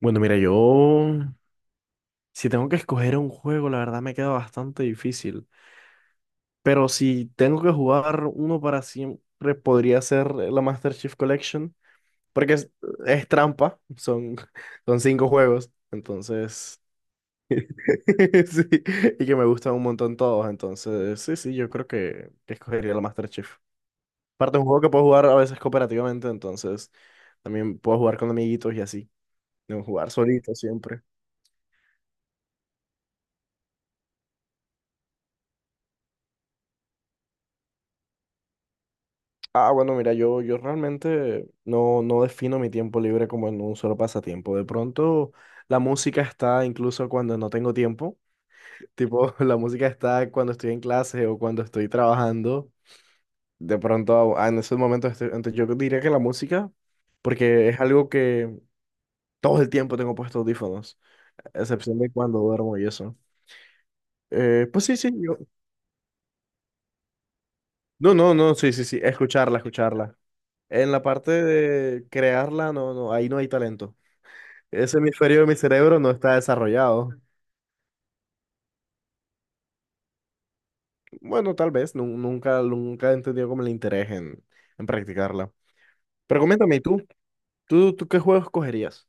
Bueno, mira, yo si tengo que escoger un juego, la verdad me queda bastante difícil. Pero si tengo que jugar uno para siempre, podría ser la Master Chief Collection, porque es trampa, son, son cinco juegos, entonces... sí, y que me gustan un montón todos, entonces sí, sí, yo creo que escogería la Master Chief. Aparte, es un juego que puedo jugar a veces cooperativamente, entonces también puedo jugar con amiguitos y así, no jugar solito siempre. Bueno, mira, yo realmente no, no defino mi tiempo libre como en un solo pasatiempo. De pronto, la música está incluso cuando no tengo tiempo. Tipo, la música está cuando estoy en clase o cuando estoy trabajando. De pronto, en esos momentos, entonces yo diría que la música, porque es algo que todo el tiempo tengo puestos audífonos, a excepción de cuando duermo y eso. Pues sí, sí, yo. No, no, no, sí, sí, sí, escucharla, escucharla. En la parte de crearla, no, no, ahí no hay talento. Ese hemisferio de mi cerebro no está desarrollado. Bueno, tal vez, nunca he entendido como el interés en practicarla. Pero coméntame, ¿y tú? ¿Tú, qué juegos cogerías?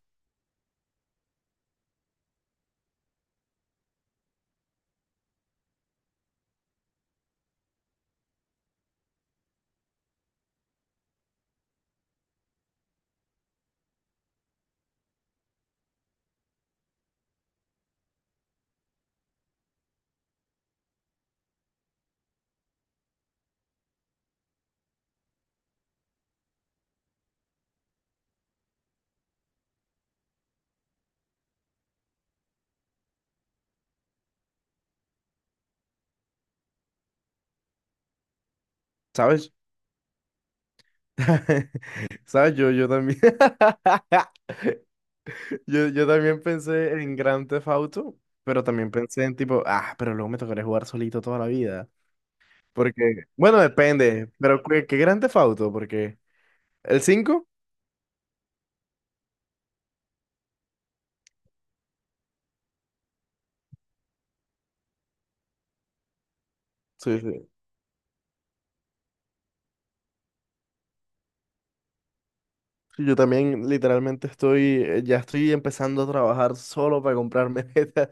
¿Sabes? ¿Sabes? Yo también. Yo también pensé en Grand Theft Auto, pero también pensé en tipo, pero luego me tocaría jugar solito toda la vida. Porque, bueno, depende, pero ¿qué, Grand Theft Auto? Porque, ¿el cinco? Sí, sí. Sí, yo también literalmente estoy, ya estoy empezando a trabajar solo para comprarme metas.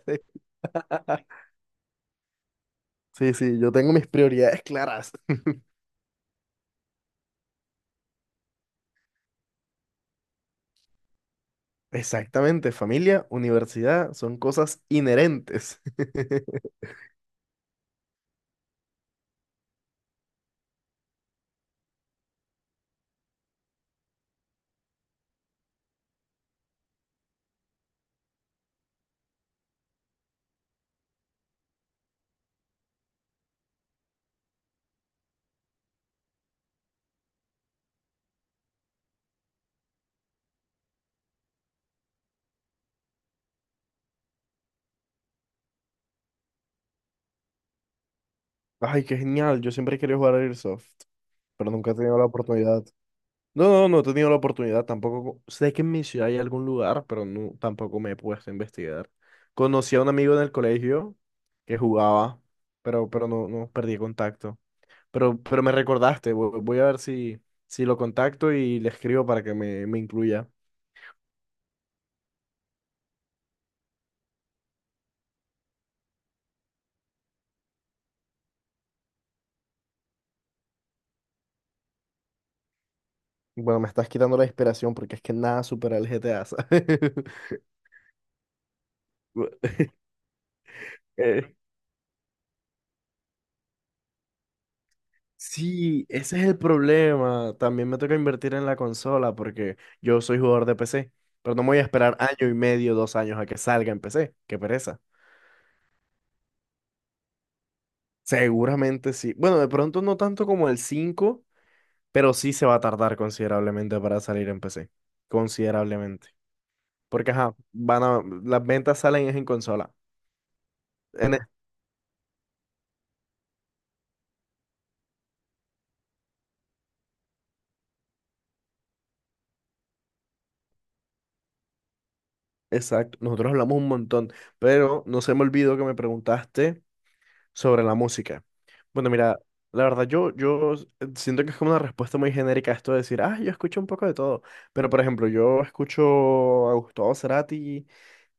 Sí, sí, yo tengo mis prioridades claras. Exactamente, familia, universidad, son cosas inherentes. Ay, qué genial, yo siempre he querido jugar a Airsoft, pero nunca he tenido la oportunidad. No, no, no he tenido la oportunidad, tampoco sé que en mi ciudad hay algún lugar, pero no, tampoco me he puesto a investigar. Conocí a un amigo en el colegio que jugaba, pero no, no perdí contacto. Pero me recordaste, voy a ver si, si lo contacto y le escribo para que me incluya. Bueno, me estás quitando la inspiración porque es que nada supera el GTA, ¿sabes? Bu- eh, sí, ese es el problema. También me toca invertir en la consola porque yo soy jugador de PC, pero no me voy a esperar año y medio, dos años a que salga en PC. Qué pereza. Seguramente sí. Bueno, de pronto no tanto como el 5, pero sí se va a tardar considerablemente para salir en PC. Considerablemente. Porque, ajá, van a, las ventas salen es en consola. En- e, exacto, nosotros hablamos un montón, pero no se me olvidó que me preguntaste sobre la música. Bueno, mira, la verdad siento que es como una respuesta muy genérica esto de decir, ah, yo escucho un poco de todo. Pero, por ejemplo, yo escucho a Gustavo Cerati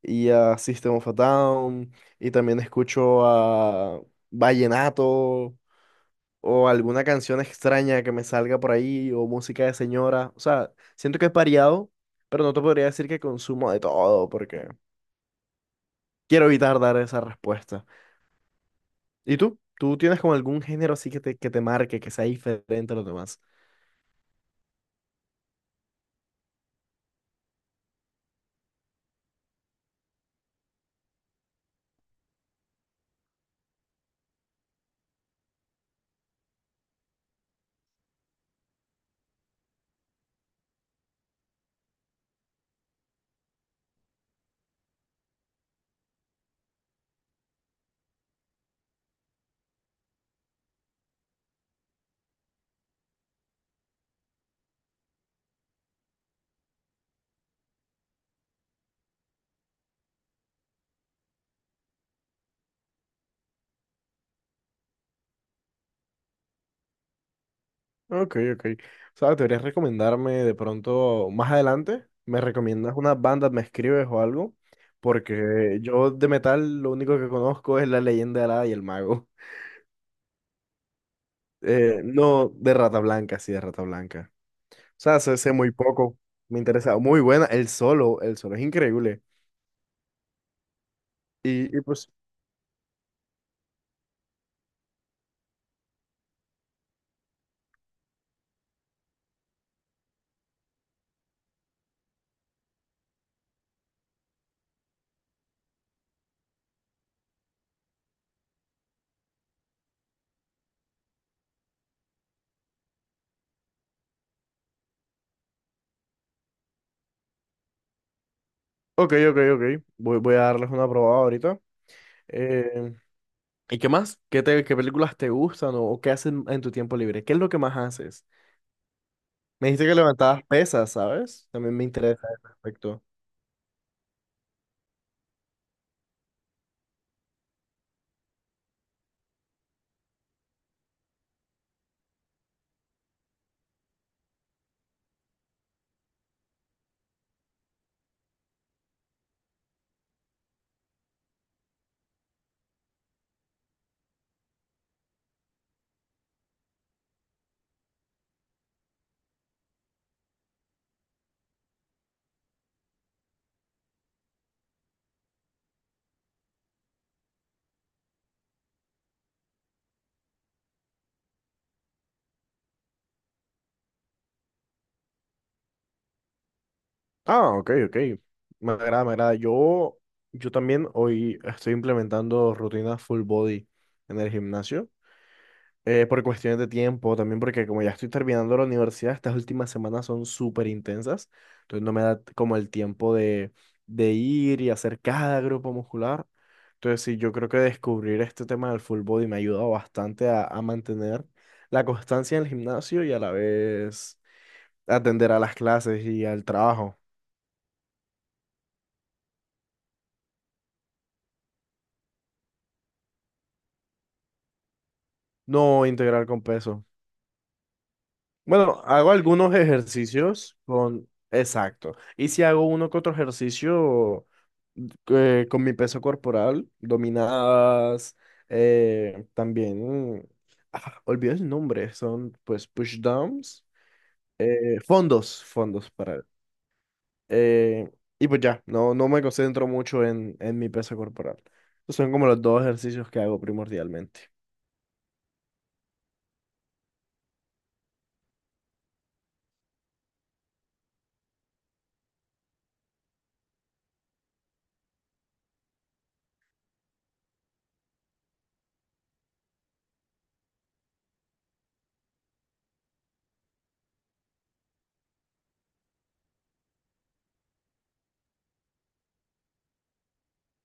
y a System of a Down, y también escucho a Vallenato, o alguna canción extraña que me salga por ahí, o música de señora. O sea, siento que es variado, pero no te podría decir que consumo de todo, porque quiero evitar dar esa respuesta. ¿Y tú? ¿Tú tienes como algún género así que te marque, que sea diferente a los demás? Ok, ok. O sea, ¿deberías recomendarme de pronto más adelante? ¿Me recomiendas una banda? ¿Me escribes o algo? Porque yo de metal lo único que conozco es la leyenda de Alada y el mago. No de Rata Blanca, Sí, de Rata Blanca. Sé muy poco. Me interesa. Muy buena. El solo es increíble. Y, y pues, ok, ok, ok. Voy, voy a darles una probada ahorita. Eh, ¿Y qué más? ¿Qué, qué películas te gustan o qué haces en tu tiempo libre? ¿Qué es lo que más haces? Me dijiste que levantabas pesas, ¿sabes? También me interesa ese aspecto. Ah, ok, ok. Me agrada, me agrada. Yo también hoy estoy implementando rutinas full body en el gimnasio. Por cuestiones de tiempo, también porque como ya estoy terminando la universidad, estas últimas semanas son súper intensas, entonces no me da como el tiempo de ir y hacer cada grupo muscular. Entonces sí, yo creo que descubrir este tema del full body me ha ayudado bastante a mantener la constancia en el gimnasio y a la vez atender a las clases y al trabajo. No integrar con peso. Bueno, hago algunos ejercicios con... Exacto. Y si hago uno que otro ejercicio con mi peso corporal, dominadas, eh, también, olvido el nombre, son pues push downs, fondos, fondos para, eh, y pues ya, no, no me concentro mucho en mi peso corporal. Esos son como los dos ejercicios que hago primordialmente.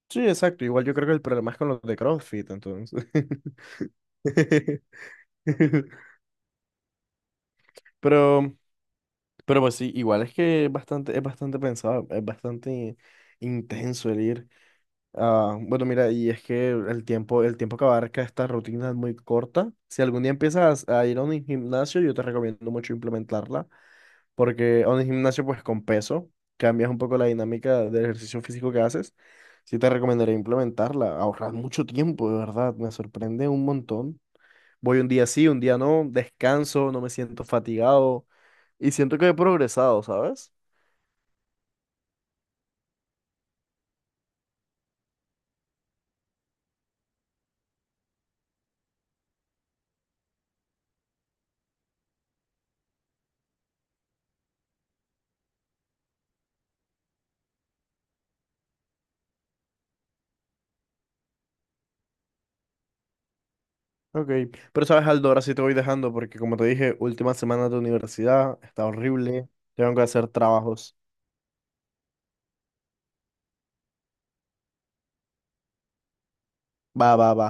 Sí, exacto, igual yo creo que el problema es con los de CrossFit, entonces. Pero, pero pues sí, igual es que es bastante pensado, es bastante intenso el ir. Ah, bueno, mira, y es que el tiempo que abarca esta rutina es muy corta. Si algún día empiezas a ir a un gimnasio, yo te recomiendo mucho implementarla, porque a un gimnasio, pues con peso, cambias un poco la dinámica del ejercicio físico que haces. Sí te recomendaría implementarla, ahorras mucho tiempo, de verdad, me sorprende un montón. Voy un día sí, un día no, descanso, no me siento fatigado y siento que he progresado, ¿sabes? Ok, pero sabes, Aldo, ahora sí te voy dejando porque como te dije, última semana de universidad, está horrible, tengo que hacer trabajos. Va, va, va.